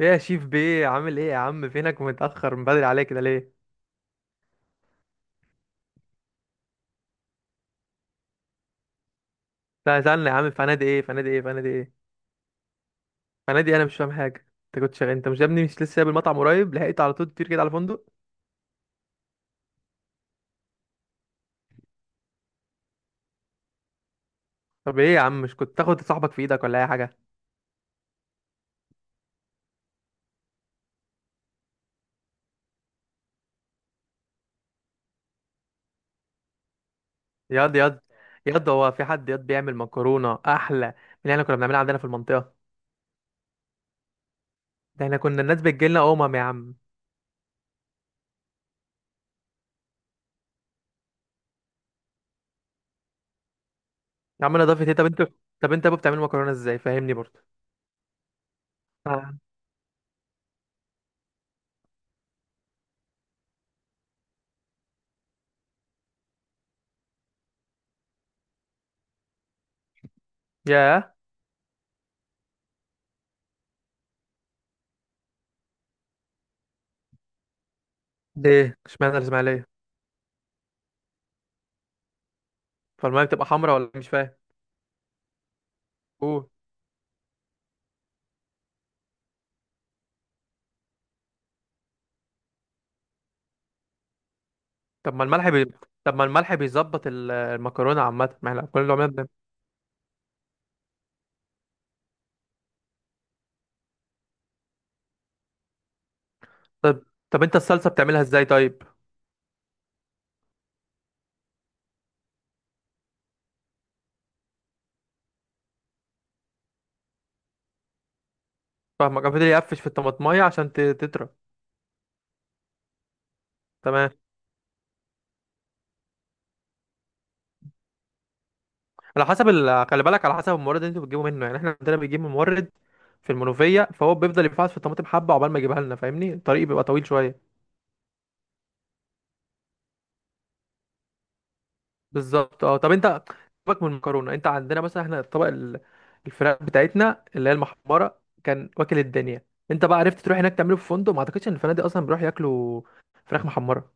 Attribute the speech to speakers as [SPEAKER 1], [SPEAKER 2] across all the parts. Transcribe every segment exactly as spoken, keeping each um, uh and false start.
[SPEAKER 1] ايه يا شيف بيه، عامل ايه يا عم؟ فينك متأخر من بدري عليك كده ليه؟ لا سألنا يا عم، فنادي ايه فنادي ايه فنادي ايه فنادي؟ انا مش فاهم حاجة. انت كنت شغال، انت مش يا ابني مش لسه سايب المطعم قريب؟ لحقت على طول تطير كده على فندق؟ طب ايه يا عم، مش كنت تاخد صاحبك في ايدك ولا اي حاجة؟ ياض ياض، ياض هو في حد ياض بيعمل مكرونة احلى من اللي احنا كنا بنعملها عندنا في المنطقة؟ ده احنا كنا الناس بتجيلنا، امم يا عم. يا عم نضافة ايه؟ طب انتوا، طب انت يا ابو بتعملوا مكرونة ازاي؟ فاهمني برضه. آه. ياه. ليه؟ اشمعنى الاسماعيلية؟ فالمية بتبقى حمرا ولا إيه؟ مش فاهم. قول. طب ما الملح بي... طب ما الملح بيظبط ال- المكرونه عامه، ما احنا كل اللي عملنا بن- طب. طب انت الصلصه بتعملها ازاي طيب؟ فاهمك، أنا فضل يقفش في الطماطمايه عشان ت- تطرى. تمام. على حسب ال... خلي بالك، على حسب المورد اللي انتوا بتجيبوا منه، يعني احنا عندنا بنجيب من مورد في المنوفيه، فهو بيفضل يفحص في الطماطم حبه عقبال ما يجيبها لنا، فاهمني، الطريق بيبقى طويل شويه. بالظبط، اه. طب انت سيبك من المكرونه، انت عندنا مثلا احنا الطبق ال- الفراخ بتاعتنا اللي هي المحمره كان واكل الدنيا. انت بقى عرفت تروح هناك تعمله في فندق؟ ما اعتقدش ان الفنادق اصلا بيروحوا ياكلوا فراخ محمره.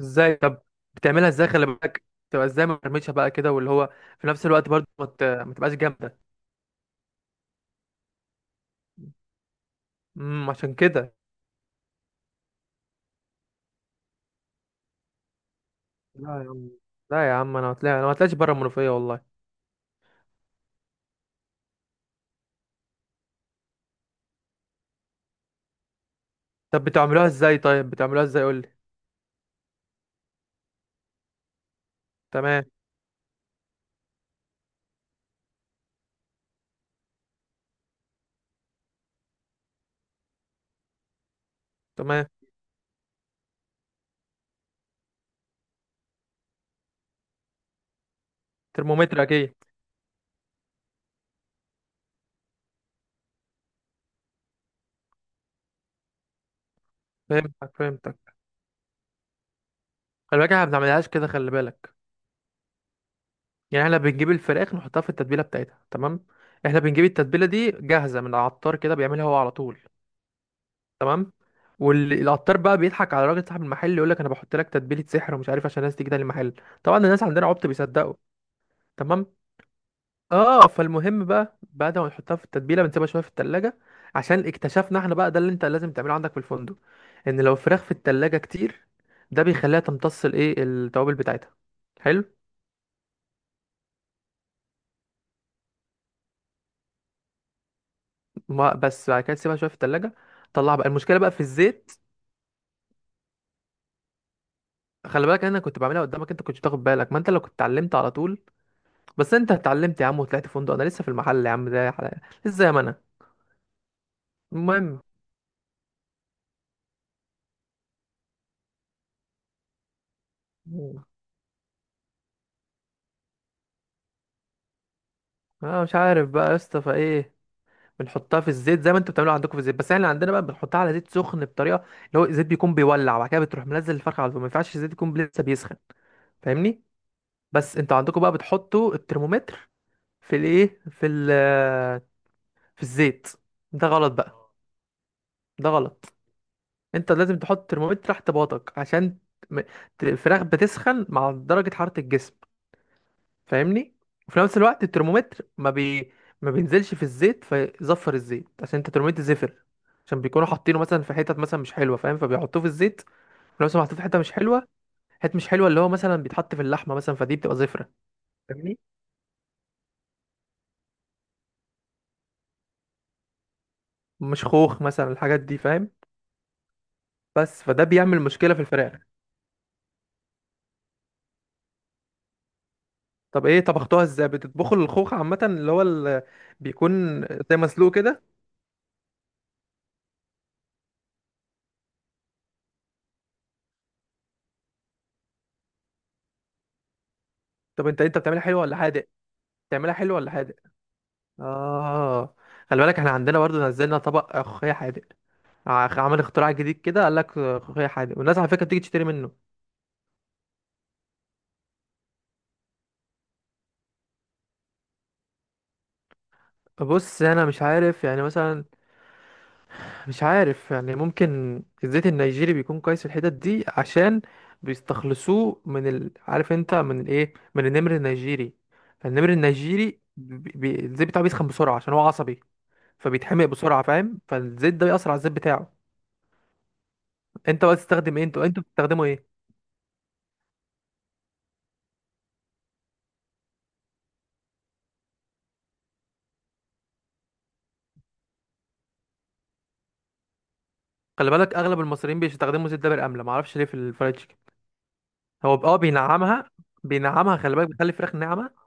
[SPEAKER 1] ازاي طب؟ بتعملها ازاي؟ خلي بالك، تبقى ازاي مرمشه بقى كده، واللي هو في نفس الوقت برضه ما ت- ما تبقاش جامده. امم عشان كده. لا يا عم، لا يا عم، انا ما طلع انا ما طلعش بره المنوفيه والله. طب بتعملوها ازاي طيب؟ بتعملوها ازاي؟ قول لي. تمام. تمام. ترمومتر اكيد. فهمتك، فهمتك. خلي بالك احنا ما بنعملهاش كده، خلي بالك. يعني احنا بنجيب الفراخ نحطها في التتبيله بتاعتها، تمام، احنا بنجيب التتبيله دي جاهزه من العطار كده، بيعملها هو على طول. تمام. والعطار بقى بيضحك على راجل صاحب المحل، يقول لك انا بحط لك تتبيله سحر ومش عارف، عشان الناس تيجي تاني المحل. طبعا الناس عندنا عبط بيصدقوا. تمام. اه، فالمهم بقى بعد ما نحطها في التتبيله بنسيبها شويه في التلاجة، عشان اكتشفنا احنا بقى، ده اللي انت لازم تعمله عندك في الفندق، ان لو الفراخ في التلاجة كتير، ده بيخليها تمتص الايه، التوابل بتاعتها. حلو. ما بس بعد كده تسيبها شويه في التلاجة، طلعها بقى، المشكله بقى في الزيت. خلي بالك انا كنت بعملها قدامك، انت كنتش بتاخد بالك، ما انت لو كنت اتعلمت على طول، بس انت اتعلمت يا عم وطلعت فندق، انا لسه في المحل يا عم زي حلقة. لسه زي ما انا. المهم، اه مش عارف بقى يا اسطى فايه. بنحطها في الزيت زي ما انتوا بتعملوها عندكم في الزيت، بس احنا عندنا بقى بنحطها على زيت سخن بطريقه، اللي هو الزيت بيكون بيولع، وبعد كده بتروح منزل الفرخه على طول، ما ينفعش الزيت يكون لسه بيسخن، فاهمني. بس انتوا عندكم بقى بتحطوا الترمومتر في الايه، في ال في الزيت. ده غلط بقى. ده غلط. انت لازم تحط ترمومتر تحت باطك، عشان م- ت- الفراخ بتسخن مع درجة حرارة الجسم، فاهمني. وفي نفس الوقت الترمومتر ما بي ما بينزلش في الزيت، فيزفر الزيت، عشان انت الترمومتر زفر، عشان بيكونوا حاطينه مثلا في حتت مثلا مش حلوه، فاهم، فبيحطوه في الزيت، في نفس الوقت محطوط في حته مش حلوه. حته مش حلوه اللي هو مثلا بيتحط في اللحمه مثلا، فدي بتبقى زفره، فاهمني، مش خوخ مثلا، الحاجات دي، فاهم. بس فده بيعمل مشكله في الفراخ. طب ايه طبختوها ازاي؟ بتطبخوا الخوخ عامه اللي هو ال- بيكون زي مسلوق كده؟ طب انت انت بتعملها حلو ولا حادق؟ بتعملها حلو ولا حادق؟ اه. خلي بالك احنا عندنا برضو نزلنا طبق ملوخيه حادق، ع- عمل اختراع جديد كده، قال لك ملوخيه حادق، والناس على فكره بتيجي تشتري منه. بص انا مش عارف يعني مثلا، مش عارف يعني، ممكن الزيت النيجيري بيكون كويس في الحتت دي، عشان بيستخلصوه من ال... عارف انت من الايه، من النمر النيجيري. فالنمر النيجيري بي... بي... الزيت بتاعه بيسخن بسرعه، عشان هو عصبي، فبيتحمق بسرعه، فاهم، فالزيت ده بيأثر على الزيت بتاعه. انت بقى تستخدم ايه؟ انتوا انتوا بتستخدموا ايه؟ خلي بالك اغلب المصريين بيستخدموا زيت دابر امله، معرفش ليه، في الفرايد تشيكن. هو ب- اه بينعمها. بينعمها، خلي بالك، بيخلي الفراخ ناعمه.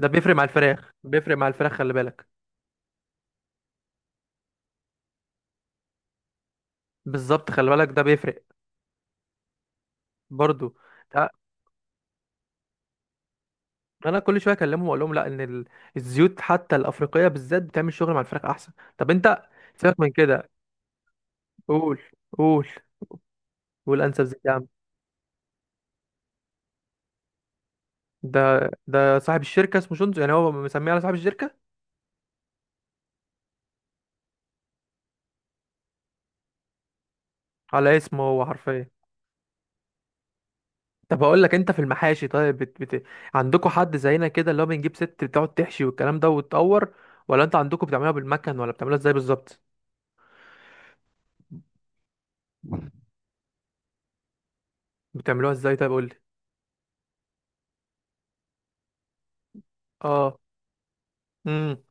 [SPEAKER 1] ده بيفرق مع الفراخ، بيفرق مع الفراخ، خلي بالك. بالظبط، خلي بالك ده بيفرق. برضو، اه، انا كل شويه اكلمهم واقول لهم لا، ان ال- الزيوت حتى الافريقيه بالذات بتعمل شغل مع الفراخ احسن. طب انت، سيبك من كده، قول. قول. قول انسب زيت يا عم. ده ده صاحب الشركه اسمه شونزو، يعني هو مسميه على صاحب الشركه، على اسمه هو حرفيا. طب اقول لك انت في المحاشي طيب، بت... بت... عندكم حد زينا كده اللي هو بنجيب ست بتقعد تحشي والكلام ده وتطور، ولا انت عندكم بتعملوها بالمكن، ولا بتعملوها ازاي بالظبط؟ بتعملوها ازاي طيب؟ قول لي. اه. امم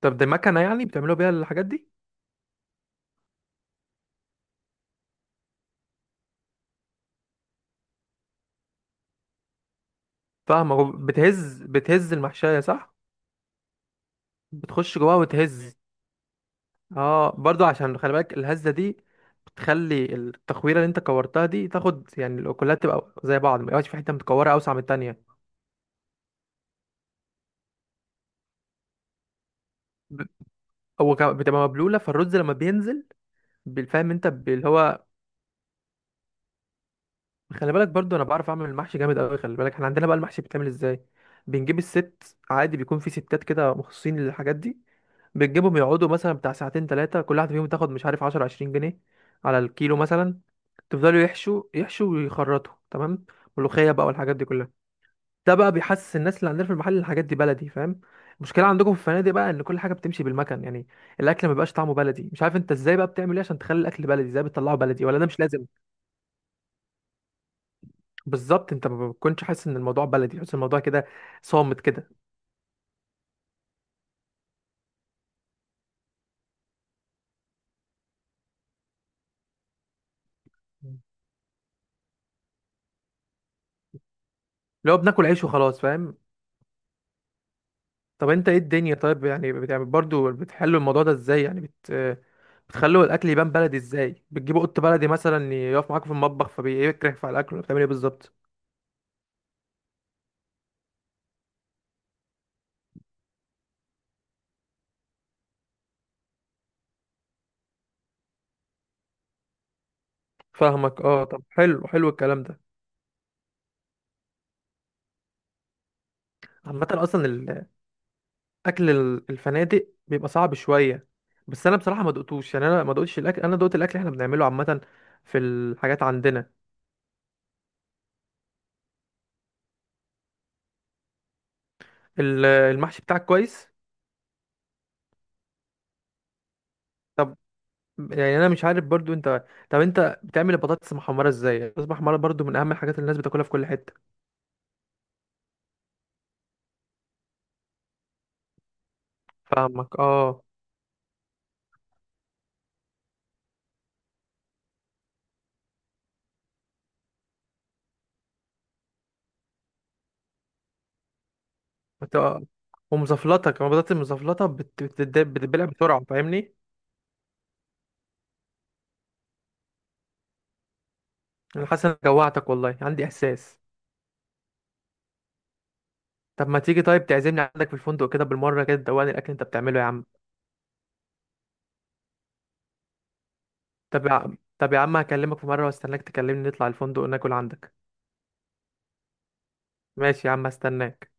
[SPEAKER 1] طب دي مكنه يعني بتعملوها بيها الحاجات دي؟ فاهمك، وب- بتهز، بتهز المحشيه، صح؟ بتخش جواها وتهز. اه، برضو عشان خلي بالك الهزه دي بتخلي التخويره اللي انت كورتها دي تاخد، يعني الاكلات تبقى زي بعض، ما يبقاش في حته متكوره اوسع من التانيه. ب- هو كا- بتبقى مبلوله، فالرز لما بينزل، بالفهم انت ب- اللي هو، خلي بالك برضو انا بعرف اعمل المحشي جامد قوي، خلي بالك احنا عندنا بقى المحشي بيتعمل ازاي. بنجيب الست عادي، بيكون في ستات كده مخصصين للحاجات دي، بتجيبهم يقعدوا مثلا بتاع ساعتين ثلاثة، كل واحدة فيهم تاخد مش عارف عشرة عشرين جنيه على الكيلو مثلا، تفضلوا يحشوا يحشوا ويخرطوا، تمام، ملوخية بقى والحاجات دي كلها. ده بقى بيحسس الناس اللي عندنا في المحل إن الحاجات دي بلدي، فاهم. المشكلة عندكم في الفنادق بقى ان كل حاجة بتمشي بالمكن يعني، الاكل ما بيبقاش طعمه بلدي، مش عارف انت ازاي بقى بتعمل ايه عشان تخلي الاكل بلدي، ازاي بتطلعه بلدي، ولا ده مش لازم؟ بالظبط، انت ما بتكونش حاسس ان الموضوع بلدي، تحس الموضوع كده صامت كده، لو بناكل عيش وخلاص، فاهم. طب انت ايه الدنيا طيب، يعني بتعمل برضو، بتحلوا الموضوع ده ازاي، يعني بت بتخلوا الاكل يبان بلدي ازاي؟ بتجيبوا قط بلدي مثلا يقف معاكوا في المطبخ فبيكرهف على الاكل، ولا بتعمل ايه بالظبط؟ فاهمك، اه، طب حلو، حلو الكلام ده. عامه اصلا الاكل ال- الفنادق بيبقى صعب شويه، بس انا بصراحه ما دقتوش، يعني انا ما دقتش الاكل، انا دقت الاكل احنا بنعمله عامه في الحاجات عندنا. ال- المحشي بتاعك كويس. طب يعني انا مش عارف برضو انت، طب انت بتعمل البطاطس محمره ازاي؟ البطاطس محمره برضو من اهم الحاجات اللي الناس بتاكلها في كل حته. فاهمك، اه. بت... آه. ومزفلطه كمان، البطاطس المزفلطه بت... بتد- بتتبلع بسرعه، فاهمني. انا حاسس انك جوعتك والله، عندي احساس. طب ما تيجي طيب تعزمني عندك في الفندق كده بالمره كده، تدوقني الاكل اللي انت بتعمله يا عم. طب يا عم، طب يا عم، هكلمك في مره واستناك تكلمني، نطلع الفندق ناكل عندك. ماشي يا عم، هستناك.